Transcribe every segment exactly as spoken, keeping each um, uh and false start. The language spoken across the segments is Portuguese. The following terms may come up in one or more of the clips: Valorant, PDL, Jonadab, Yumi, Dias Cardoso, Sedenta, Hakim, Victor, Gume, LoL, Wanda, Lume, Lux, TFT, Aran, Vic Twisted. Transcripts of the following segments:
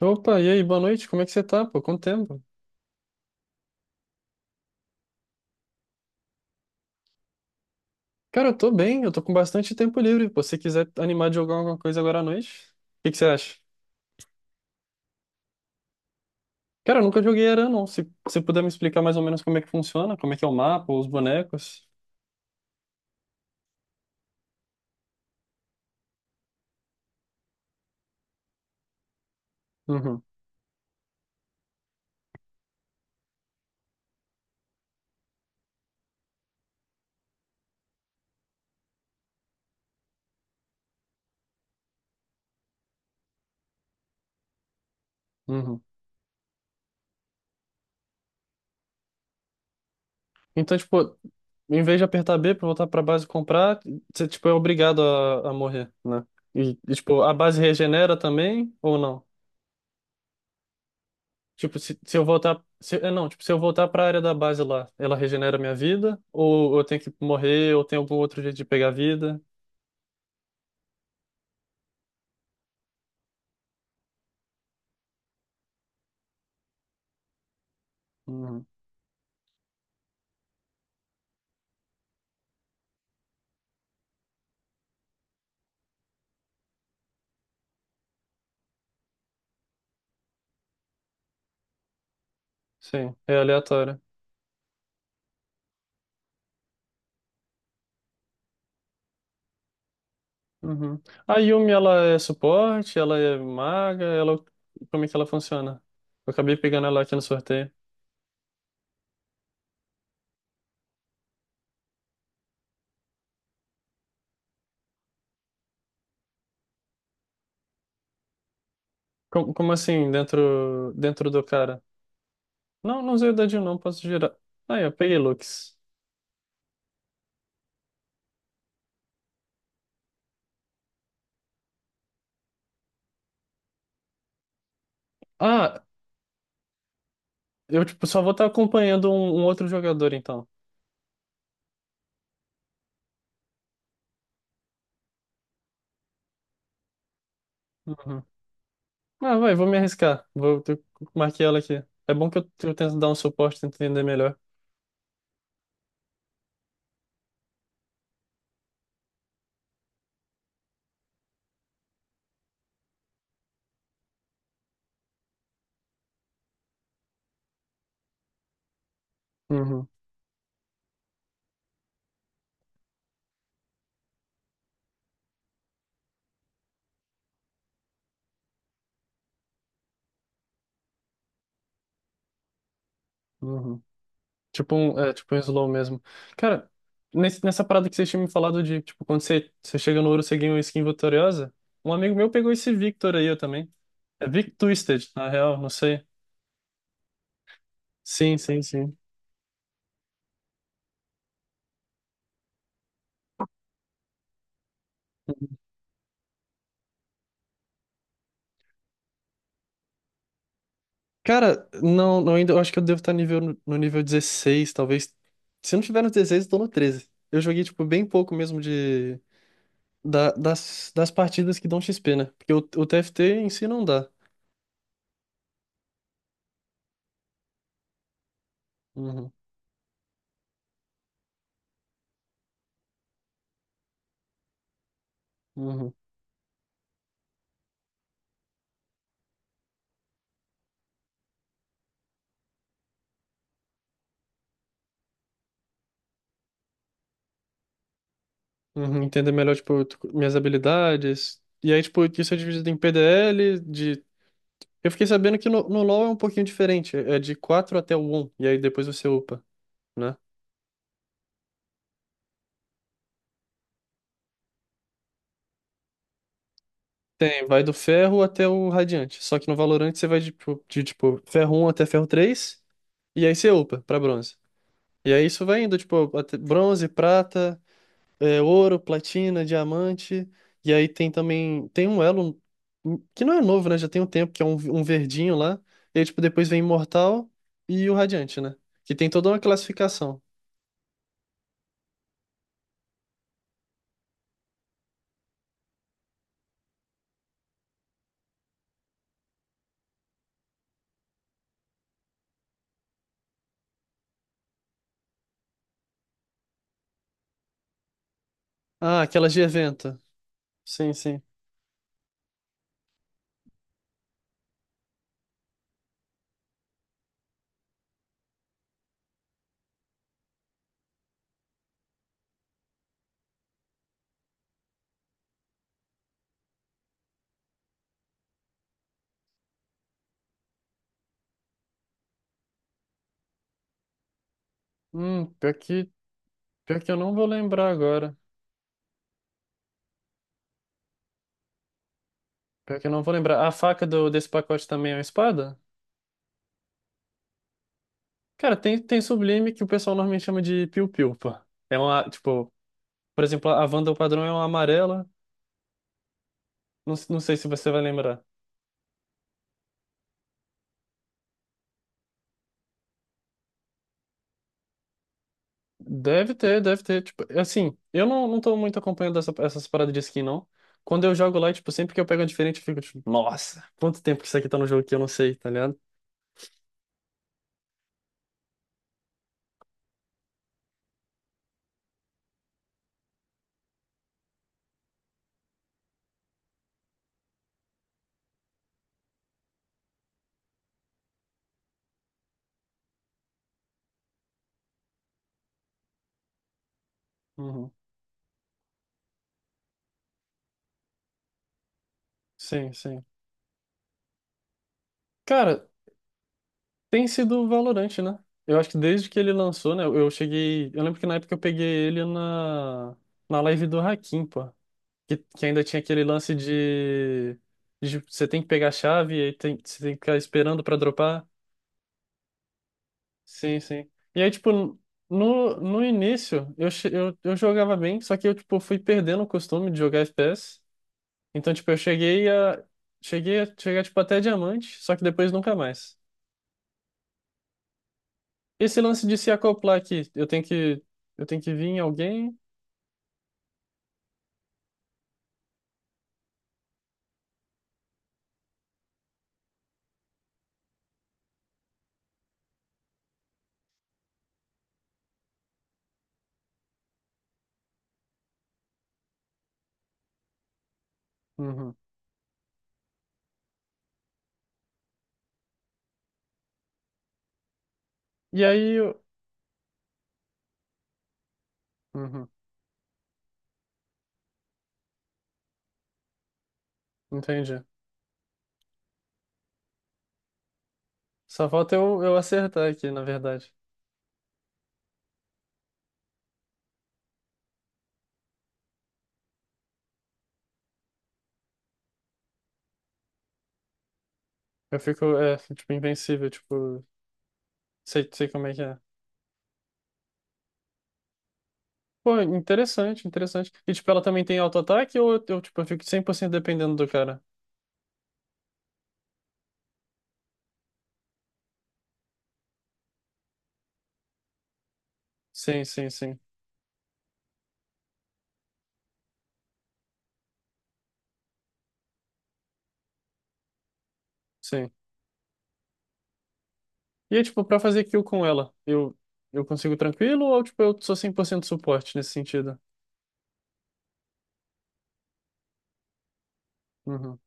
Opa, e aí, boa noite, como é que você tá, pô? Quanto tempo? Cara, eu tô bem, eu tô com bastante tempo livre, pô. Se você quiser animar de jogar alguma coisa agora à noite, o que que você acha? Cara, eu nunca joguei Aran, não. Se você puder me explicar mais ou menos como é que funciona, como é que é o mapa, os bonecos. Uhum, uhum. Então, tipo, em vez de apertar B pra voltar pra base e comprar, você, tipo, é obrigado a, a morrer, né? E, e, tipo, a base regenera também ou não? Tipo, se, se eu voltar. Se, é, Não, tipo, se eu voltar pra área da base lá, ela regenera minha vida? Ou eu tenho que morrer? Ou tem algum outro jeito de pegar vida? Uhum. Sim, é aleatório. Uhum. A Yumi, ela é suporte? Ela é maga? Ela, como é que ela funciona? Eu acabei pegando ela aqui no sorteio. Como, como assim, dentro, dentro do cara? Não, não usei o dadinho, não, posso girar. Aí, eu peguei Lux. Ah, eu tipo, só vou estar acompanhando um, um outro jogador, então. Uhum. Ah, vai, vou me arriscar. Vou, eu marquei ela aqui. É bom que eu, eu tento dar um suporte, tento entender melhor. Uhum, uhum. Tipo um, é, tipo um slow mesmo. Cara, nesse, nessa parada que vocês tinham me falado de, tipo, quando você, você chega no ouro, você ganha uma skin vitoriosa. Um amigo meu pegou esse Victor aí, eu também. É Vic Twisted, na real, não sei. Sim, sim, sim. Cara, não, não ainda, eu acho que eu devo estar nível, no no nível dezesseis, talvez. Se eu não tiver no dezesseis, eu tô no treze. Eu joguei, tipo, bem pouco mesmo de, da- das, das partidas que dão X P, né? Porque o, o T F T em si não dá. Uhum, uhum, uhum. Entender melhor, tipo, tu- minhas habilidades. E aí, tipo, isso é dividido em P D L, de. Eu fiquei sabendo que no, no LoL é um pouquinho diferente. É de quatro até o um, e aí depois você upa, né? Tem, vai do ferro até o radiante. Só que no Valorant você vai de, tipo, de, tipo, ferro um até ferro três e aí você upa pra bronze. E aí isso vai indo, tipo, até bronze, prata, é, ouro, platina, diamante. E aí tem também, tem um elo que não é novo, né? Já tem um tempo, que é um, um verdinho lá. E aí, tipo, depois vem imortal e o radiante, né? Que tem toda uma classificação. Ah, aquelas de evento. Sim, sim. Hum, pior que, pior que eu não vou lembrar agora. Pior que eu não vou lembrar. A faca do, desse pacote também é uma espada? Cara, tem, tem sublime que o pessoal normalmente chama de piu-piu, pô. É uma, tipo, por exemplo, a Wanda o padrão é uma amarela. Não, não sei se você vai lembrar. Deve ter, deve ter. Tipo, assim, eu não, não tô muito acompanhando essa, essas paradas de skin, não. Quando eu jogo lá, tipo, sempre que eu pego uma diferente, eu fico tipo, nossa, quanto tempo que isso aqui tá no jogo que eu não sei, tá ligado? Uhum. Sim, sim. Cara, tem sido o Valorant, né? Eu acho que desde que ele lançou, né? Eu eu cheguei. Eu lembro que na época eu peguei ele na, na live do Hakim, pô. Que, que ainda tinha aquele lance de, de você tem que pegar a chave e aí tem, você tem que ficar esperando pra dropar. Sim, sim. E aí, tipo, no, no início eu, che- eu, eu jogava bem, só que eu, tipo, fui perdendo o costume de jogar F P S. Então, tipo, eu cheguei a. Cheguei a chegar, tipo, até diamante, só que depois nunca mais. Esse lance de se acoplar aqui, eu tenho que, eu tenho que vir em alguém? Uhum. E aí eu. Uhum. Entendi. Só falta eu, eu acertar aqui, na verdade. Eu fico, é, tipo, invencível, tipo, sei, sei como é que é. Pô, interessante, interessante. E, tipo, ela também tem auto-ataque ou eu, eu, tipo, eu fico cem por cento dependendo do cara? Sim, sim, sim, sim. E, aí, tipo, pra fazer kill com ela, eu, eu consigo tranquilo ou, tipo, eu sou cem por cento suporte nesse sentido? Uhum,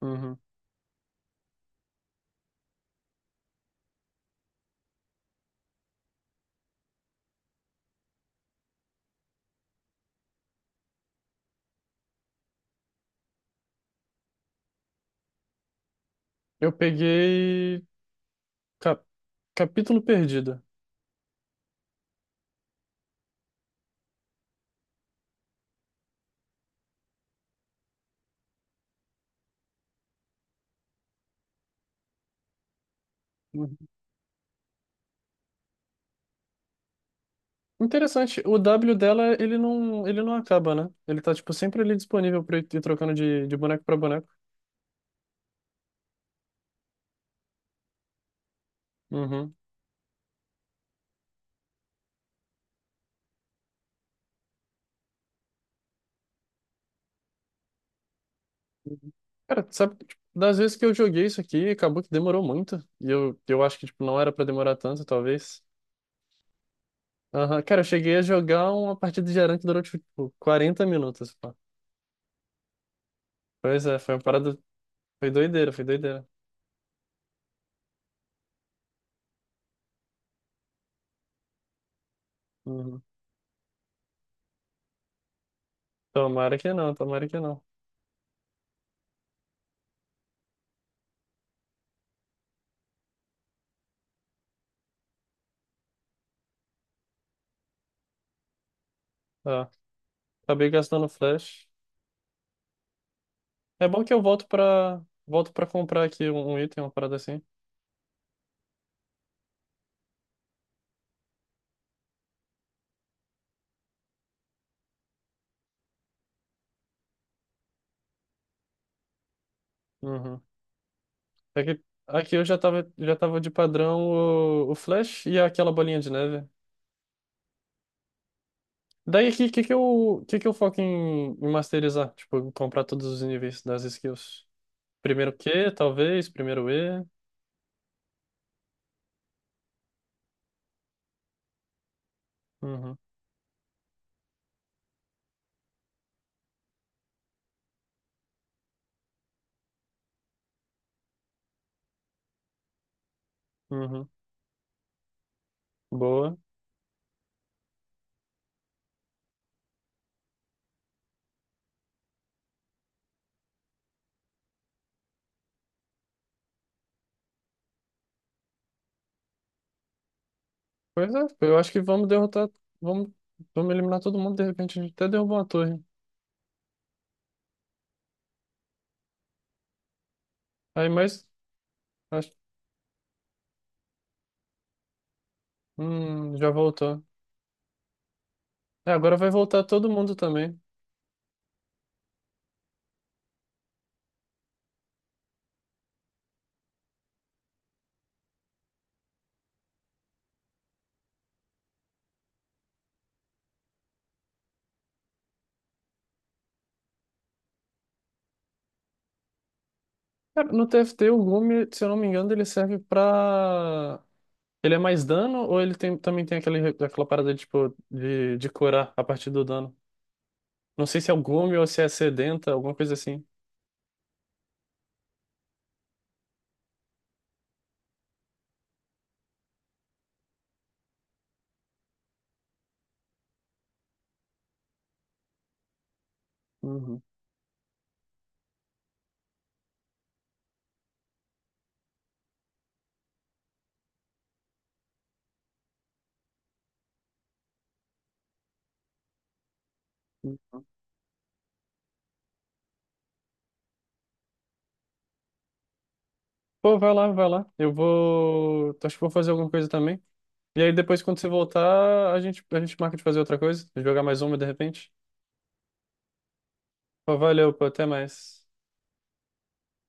uhum. Eu peguei. cap- Capítulo perdido. Uhum. Interessante, o W dela, ele não, ele não acaba, né? Ele tá, tipo, sempre ali disponível pra eu ir trocando de, de boneco pra boneco. Uhum. Cara, tu sabe, que, tipo, das vezes que eu joguei isso aqui, acabou que demorou muito. E eu, eu acho que, tipo, não era pra demorar tanto, talvez. Aham, cara, eu cheguei a jogar uma partida de Aran que durou, tipo, quarenta minutos, pô. Pois é, foi uma parada. Foi doideira, foi doideira. Uhum. Tomara que não, tomara que não. Ah, acabei gastando flash. É bom que eu volto pra. Volto pra comprar aqui um, um item, uma parada assim. Uhum. É que aqui eu já tava, já tava de padrão o, o flash e aquela bolinha de neve. Daí, o que, que, que eu, que, que eu foco em, em masterizar? Tipo, comprar todos os níveis das skills. Primeiro Q, talvez. Primeiro E. Uhum, uhum. Boa. Pois é, eu acho que vamos derrotar. Vamos, vamos eliminar todo mundo. De repente, a gente até derrubou uma torre. Aí, mas. Acho, hum, já voltou. É, agora vai voltar todo mundo também. Cara, no T F T, o Lume, se eu não me engano, ele serve pra. Ele é mais dano ou ele tem, também tem aquele, aquela parada de, tipo, de, de curar a partir do dano? Não sei se é o Gume ou se é Sedenta, alguma coisa assim. Uhum. Pô, vai lá, vai lá. Eu vou. Acho que vou fazer alguma coisa também. E aí depois, quando você voltar, a gente, a gente marca de fazer outra coisa, jogar mais uma de repente. Pô, valeu, pô, até mais.